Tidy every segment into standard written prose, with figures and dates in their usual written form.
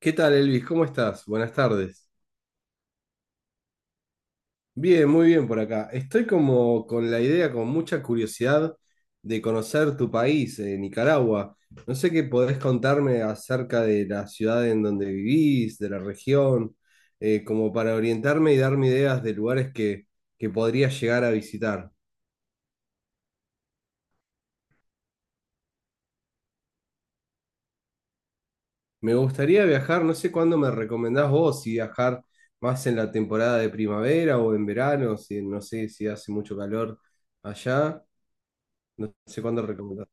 ¿Qué tal, Elvis? ¿Cómo estás? Buenas tardes. Bien, muy bien por acá. Estoy como con la idea, con mucha curiosidad de conocer tu país, Nicaragua. No sé qué podés contarme acerca de la ciudad en donde vivís, de la región, como para orientarme y darme ideas de lugares que podría llegar a visitar. Me gustaría viajar, no sé cuándo me recomendás vos, si viajar más en la temporada de primavera o en verano, si no sé si hace mucho calor allá. No sé cuándo recomendar.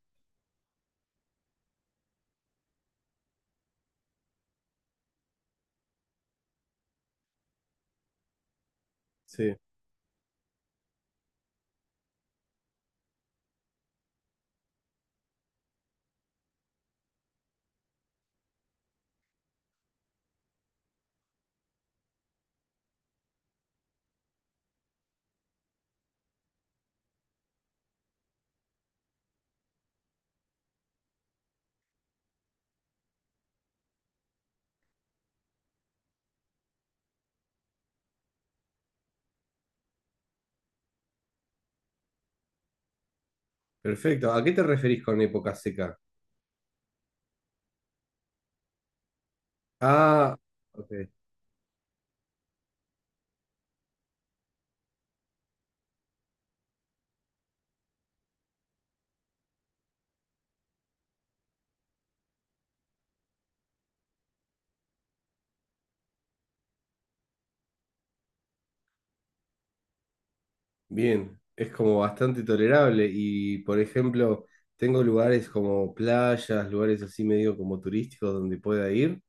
Sí. Perfecto. ¿A qué te referís con época seca? Ah, ok. Bien. Es como bastante tolerable y, por ejemplo, tengo lugares como playas, lugares así medio como turísticos donde pueda ir.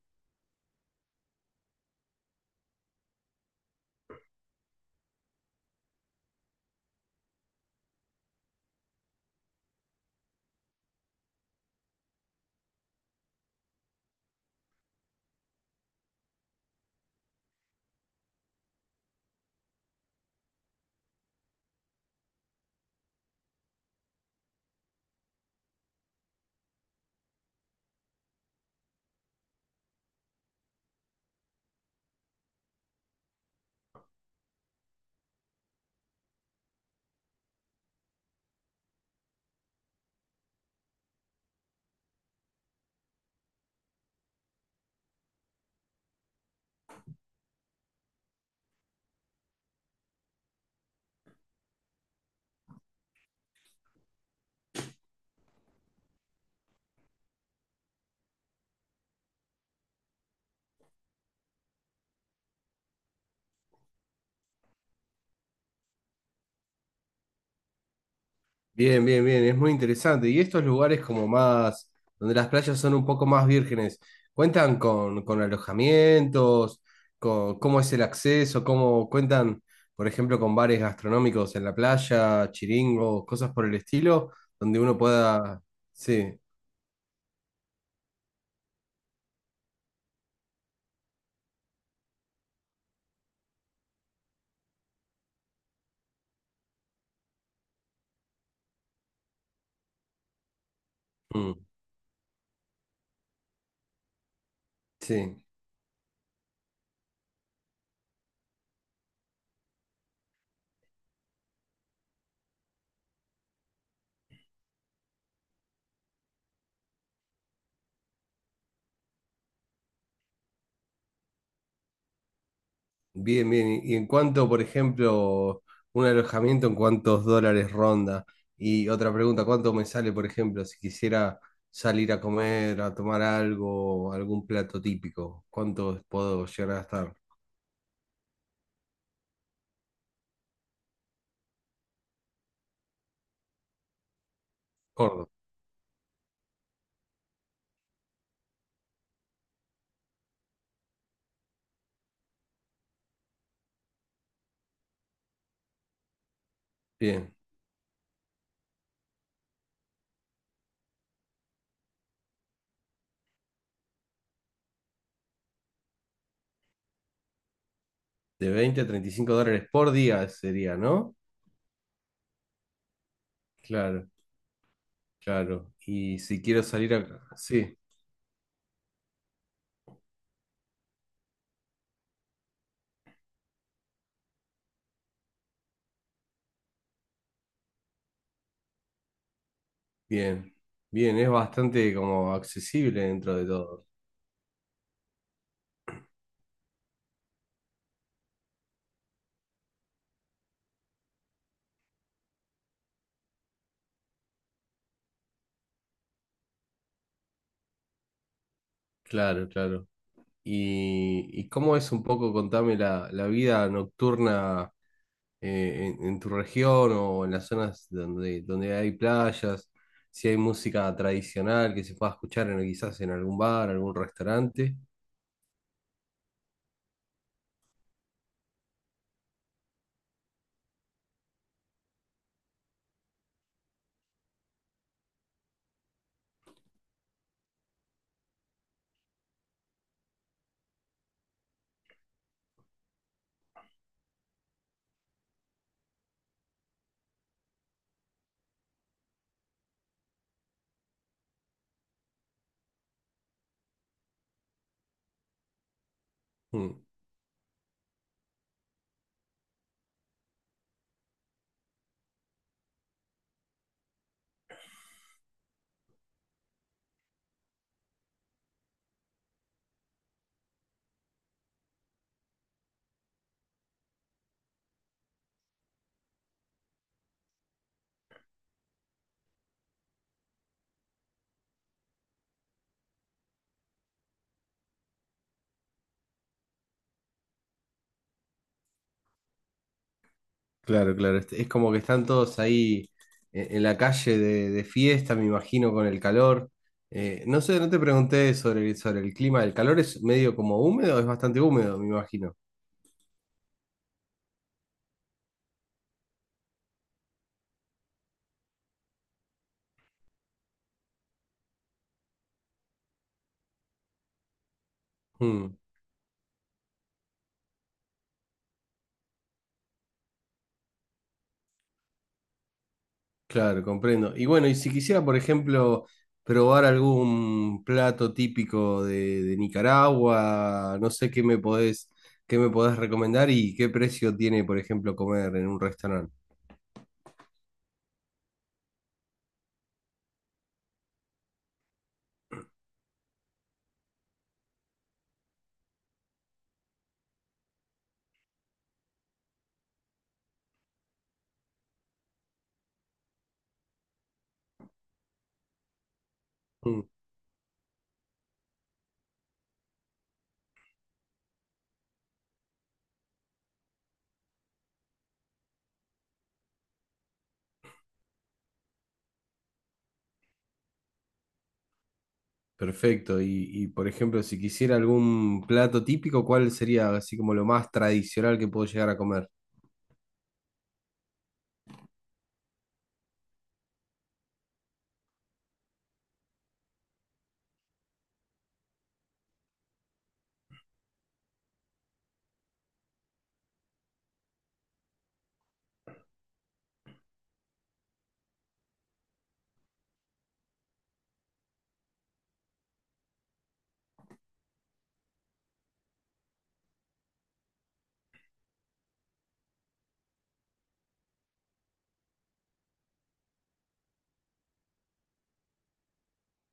Bien, bien, bien, es muy interesante. Y estos lugares como más, donde las playas son un poco más vírgenes, ¿cuentan con alojamientos? Con, ¿cómo es el acceso? ¿Cómo cuentan, por ejemplo, con bares gastronómicos en la playa, chiringos, cosas por el estilo, donde uno pueda... Sí, mm, sí. Bien, bien. Y en cuanto, por ejemplo, un alojamiento, ¿en cuántos dólares ronda? Y otra pregunta, ¿cuánto me sale, por ejemplo, si quisiera salir a comer, a tomar algo, algún plato típico? ¿Cuánto puedo llegar a gastar? Gordo. Bien. De $20 a $35 por día sería, ¿no? Claro, claro. Y si quiero salir a... Sí, bien. Bien, es bastante como accesible dentro de todo. Claro, claro. ¿Y cómo es un poco, contame, la vida nocturna en tu región o en las zonas donde, donde hay playas? Si hay música tradicional que se pueda escuchar en, quizás en algún bar, algún restaurante. Mm, claro, claro. Es como que están todos ahí en la calle de fiesta, me imagino, con el calor. No sé, no te pregunté sobre el clima. ¿El calor es medio como húmedo? Es bastante húmedo, me imagino. Mm. Claro, comprendo. Y bueno, y si quisiera, por ejemplo, probar algún plato típico de Nicaragua, no sé qué me qué me podés recomendar y qué precio tiene, por ejemplo, comer en un restaurante. Mm, perfecto. Por ejemplo, si quisiera algún plato típico, ¿cuál sería así como lo más tradicional que puedo llegar a comer?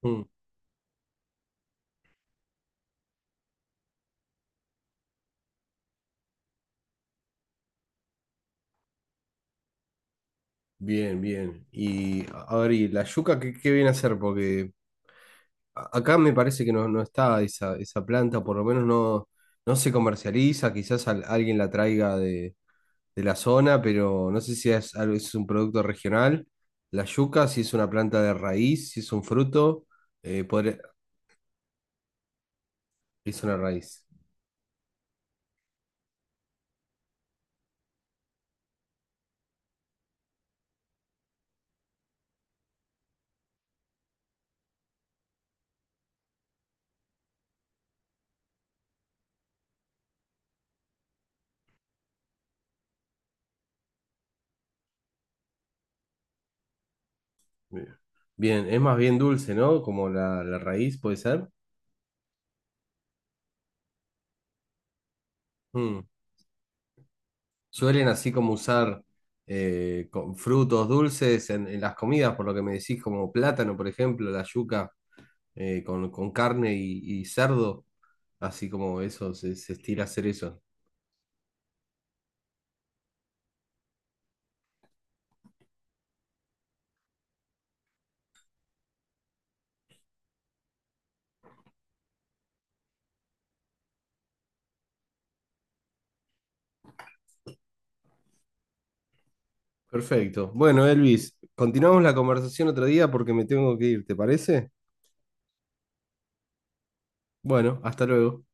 Mm, bien, bien. Y a ver, ¿y la yuca qué viene a ser? Porque a- acá me parece que no está esa, esa planta, por lo menos no se comercializa, quizás al- alguien la traiga de la zona, pero no sé si es, algo- es un producto regional. La yuca, si es una planta de raíz, si es un fruto, podré- es una raíz. Bien, bien, es más bien dulce, ¿no? Como la raíz, puede ser. Mm. Suelen así como usar con frutos dulces en las comidas, por lo que me decís, como plátano, por ejemplo, la yuca. Con con carne y cerdo, así como eso, se estira hacer eso. Perfecto. Bueno, Elvis, continuamos la conversación otro día porque me tengo que ir, ¿te parece? Bueno, hasta luego.